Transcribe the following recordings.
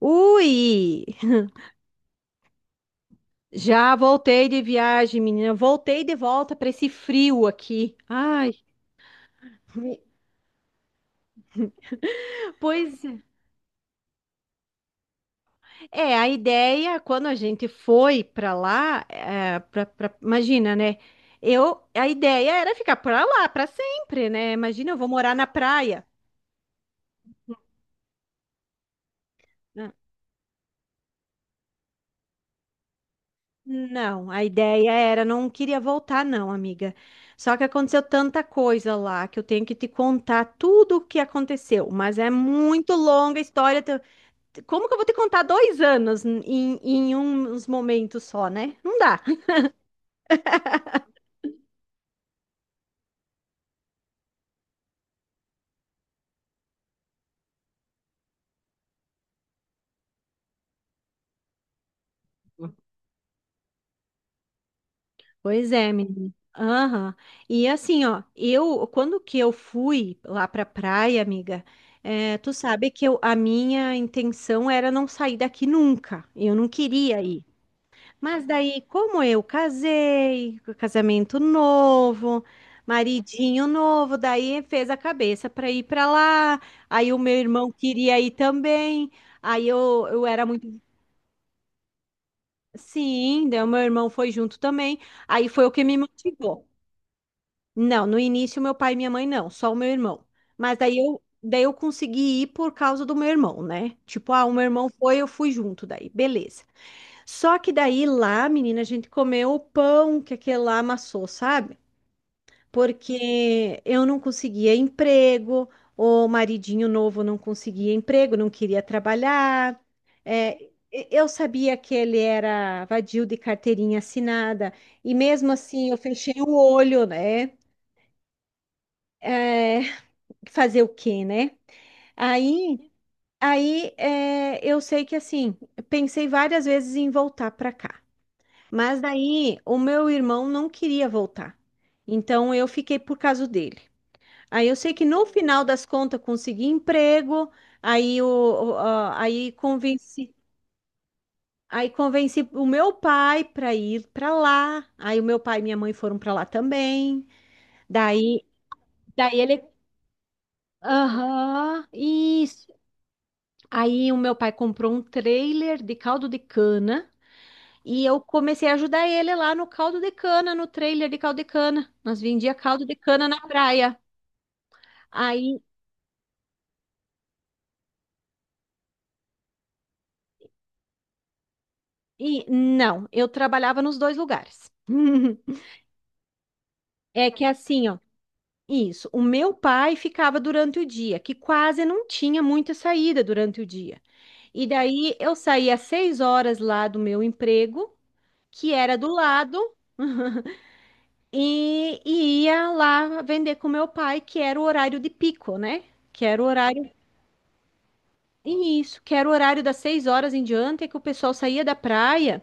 Ui, já voltei de viagem, menina. Voltei de volta para esse frio aqui. Ai, pois é. É, a ideia, quando a gente foi para lá, é, imagina, né? A ideia era ficar para lá para sempre, né? Imagina, eu vou morar na praia. Ah, não, a ideia era, não queria voltar, não, amiga. Só que aconteceu tanta coisa lá que eu tenho que te contar tudo o que aconteceu, mas é muito longa a história. Como que eu vou te contar 2 anos em uns momentos só, né? Não dá. Pois é, menina. Aham. E assim, ó, eu, quando que eu fui lá pra praia, amiga, é, tu sabe que eu, a minha intenção era não sair daqui nunca. Eu não queria ir. Mas daí, como eu casei, casamento novo, maridinho novo, daí fez a cabeça para ir para lá. Aí o meu irmão queria ir também. Aí eu era muito. Sim, daí o meu irmão foi junto também. Aí foi o que me motivou. Não, no início meu pai e minha mãe não, só o meu irmão. Mas daí eu consegui ir por causa do meu irmão, né? Tipo, ah, o meu irmão foi, eu fui junto daí, beleza. Só que daí lá, menina, a gente comeu o pão que aquele lá amassou, sabe? Porque eu não conseguia emprego, o maridinho novo não conseguia emprego, não queria trabalhar. É, eu sabia que ele era vadio de carteirinha assinada, e mesmo assim eu fechei o olho, né? É, fazer o quê, né? Aí, aí, é, eu sei que assim, pensei várias vezes em voltar para cá, mas daí o meu irmão não queria voltar, então eu fiquei por causa dele. Aí eu sei que no final das contas consegui emprego. Aí, o, o- a- aí convenci, aí convenci o meu pai para ir para lá. Aí o meu pai e minha mãe foram para lá também. Daí, daí ele, aham, isso. Aí o meu pai comprou um trailer de caldo de cana e eu comecei a ajudar ele lá no caldo de cana, no trailer de caldo de cana. Nós vendia caldo de cana na praia. Aí, e não, eu trabalhava nos dois lugares. É que assim, ó, isso. O meu pai ficava durante o dia, que quase não tinha muita saída durante o dia. E daí eu saía às 6 horas lá do meu emprego, que era do lado, e ia lá vender com meu pai, que era o horário de pico, né? Que era o horário. E isso, que era o horário das 6 horas em diante, é que o pessoal saía da praia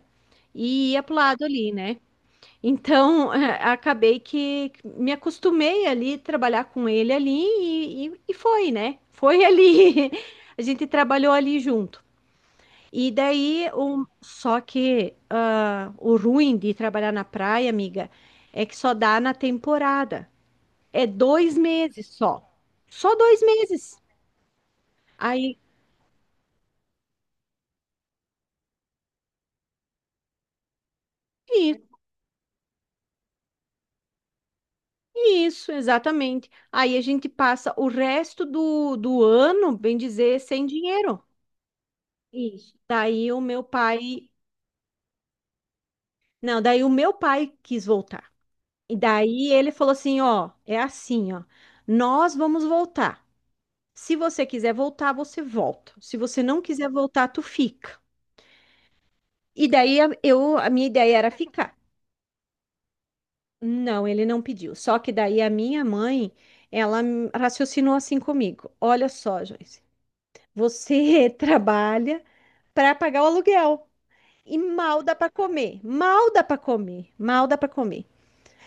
e ia pro lado ali, né? Então, acabei que me acostumei ali, trabalhar com ele ali e foi, né? Foi ali. A gente trabalhou ali junto. E daí, só que ah, o ruim de trabalhar na praia, amiga, é que só dá na temporada. É 2 meses só. Só 2 meses. Aí, i- isso, exatamente. Aí a gente passa o resto do ano, bem dizer, sem dinheiro. Isso. Daí o meu pai. Não, daí o meu pai quis voltar. E daí ele falou assim: ó, é assim, ó. Nós vamos voltar. Se você quiser voltar, você volta. Se você não quiser voltar, tu fica. E daí a minha ideia era ficar. Não, ele não pediu. Só que daí a minha mãe, ela raciocinou assim comigo. Olha só, Joyce, você trabalha para pagar o aluguel e mal dá para comer, mal dá para comer, mal dá para comer.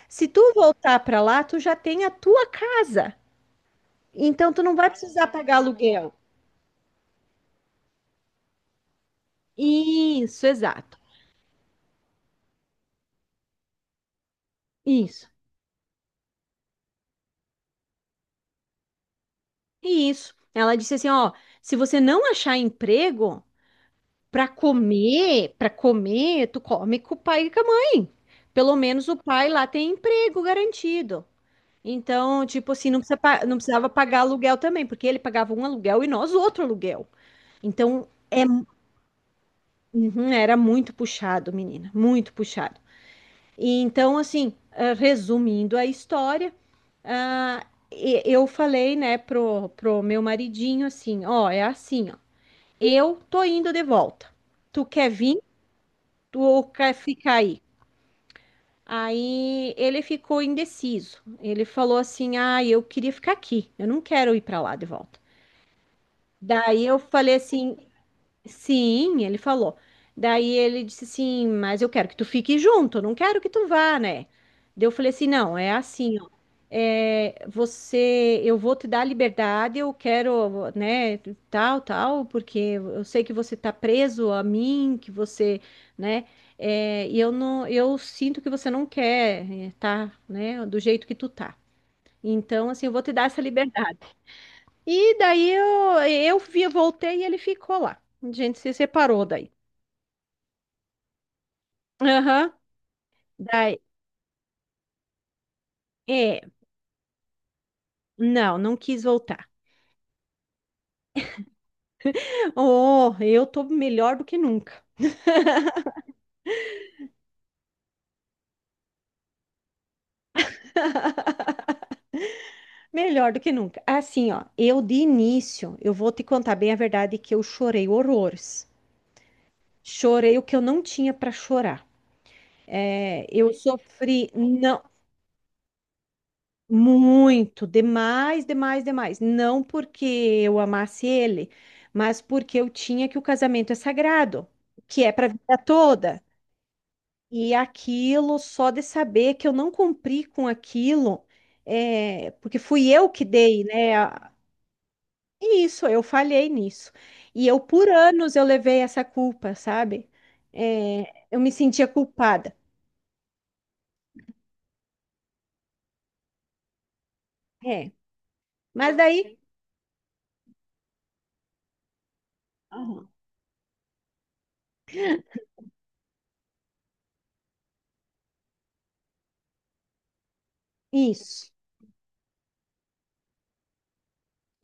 Se tu voltar para lá, tu já tem a tua casa. Então tu não vai precisar pagar aluguel. Isso, exato. Isso. Isso. Ela disse assim, ó, se você não achar emprego para comer, tu come com o pai e com a mãe. Pelo menos o pai lá tem emprego garantido. Então, tipo assim, não precisa não precisava pagar aluguel também, porque ele pagava um aluguel e nós outro aluguel. Então, é, uhum, era muito puxado, menina, muito puxado. E então, assim, ah, resumindo a história, ah, eu falei, né, pro meu maridinho assim, ó, é assim, ó, eu tô indo de volta. Tu quer vir, ou quer ficar aí? Aí ele ficou indeciso. Ele falou assim: "Ah, eu queria ficar aqui. Eu não quero ir para lá de volta". Daí eu falei assim. Sim, ele falou. Daí ele disse assim, mas eu quero que tu fique junto, eu não quero que tu vá, né? Daí eu falei assim, não, é assim, ó. É, você, eu vou te dar liberdade, eu quero, né, tal, tal, porque eu sei que você tá preso a mim, que você, né, é, e eu sinto que você não quer, é, tá, né, do jeito que tu tá. Então, assim, eu vou te dar essa liberdade. E daí eu voltei e ele ficou lá. A gente se separou daí. Aham. Daí, é, não, não quis voltar. Oh, eu tô melhor do que nunca. Melhor do que nunca. Assim, ó, eu de início, eu vou te contar bem a verdade que eu chorei horrores. Chorei o que eu não tinha pra chorar. É, eu sofri, não. Muito, demais, demais, demais. Não porque eu amasse ele, mas porque eu tinha que o casamento é sagrado, que é para a vida toda. E aquilo, só de saber que eu não cumpri com aquilo, é, porque fui eu que dei, né? É isso, eu falhei nisso. E eu, por anos, eu levei essa culpa, sabe? É, eu me sentia culpada. É, mas daí. Aham. Isso.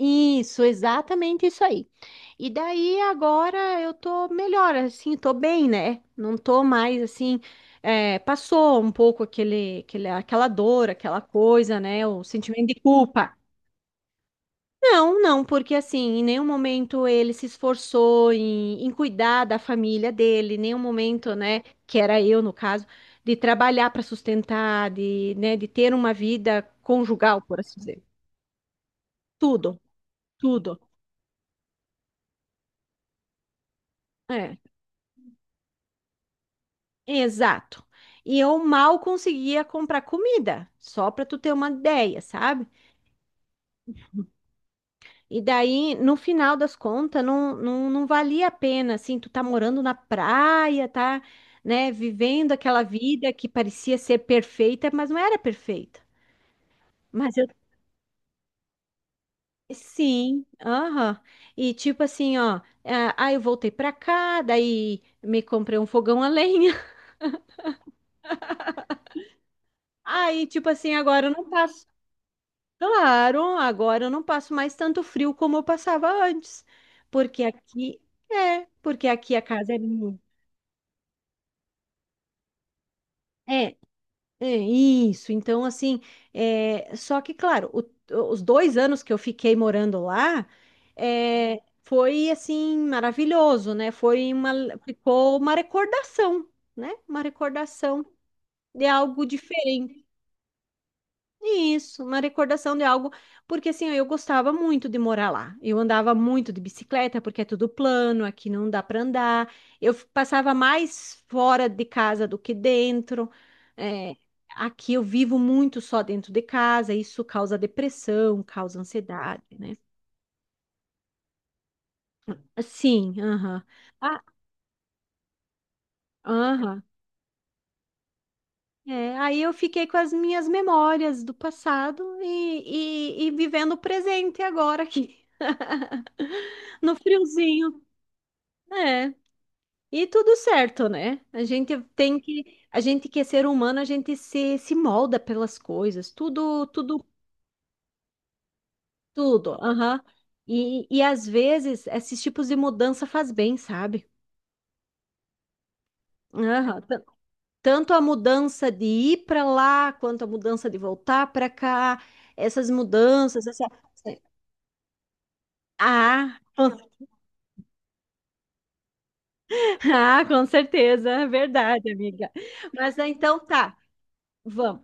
Isso, exatamente isso aí. E daí agora eu tô melhor, assim, tô bem, né? Não tô mais assim, é, passou um pouco aquela dor, aquela coisa, né? O sentimento de culpa. Não, não, porque assim, em nenhum momento ele se esforçou em cuidar da família dele, em nenhum momento, né, que era eu no caso, de trabalhar para sustentar, de, né, de ter uma vida conjugal, por assim dizer. Tudo, tudo. É. Exato. E eu mal conseguia comprar comida, só para tu ter uma ideia, sabe? E daí, no final das contas, não, não, não valia a pena, assim, tu tá morando na praia, tá, né, vivendo aquela vida que parecia ser perfeita, mas não era perfeita. Mas eu, sim, aham. E tipo assim, ó, ah, aí eu voltei pra cá, daí me comprei um fogão a lenha. Aí, tipo assim, agora eu não tá. Claro, agora eu não passo mais tanto frio como eu passava antes, porque aqui porque aqui a casa é mu-, é, é isso. Então assim, é, só que claro, os 2 anos que eu fiquei morando lá, é, foi assim maravilhoso, né? Ficou uma recordação, né? Uma recordação de algo diferente. Isso, uma recordação de algo, porque assim, eu gostava muito de morar lá. Eu andava muito de bicicleta, porque é tudo plano, aqui não dá para andar. Eu passava mais fora de casa do que dentro. É, aqui eu vivo muito só dentro de casa, isso causa depressão, causa ansiedade, né? Sim, aham. Ah, aham. É, aí eu fiquei com as minhas memórias do passado e vivendo o presente agora aqui. No friozinho. É. E tudo certo, né? A gente tem que, a gente que é ser humano, a gente se molda pelas coisas, tudo, tudo, tudo. Aham. E às vezes esses tipos de mudança faz bem, sabe? Aham. Tanto a mudança de ir para lá, quanto a mudança de voltar para cá, essas mudanças, essa. Ah, com, ah, com certeza, é verdade, amiga. Mas ah, então tá, vamos.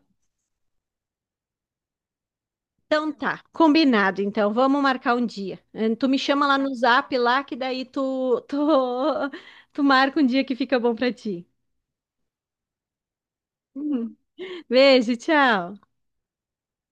Então tá, combinado. Então vamos marcar um dia. Tu me chama lá no Zap lá que daí tu marca um dia que fica bom pra ti. Uhum. Beijo, tchau.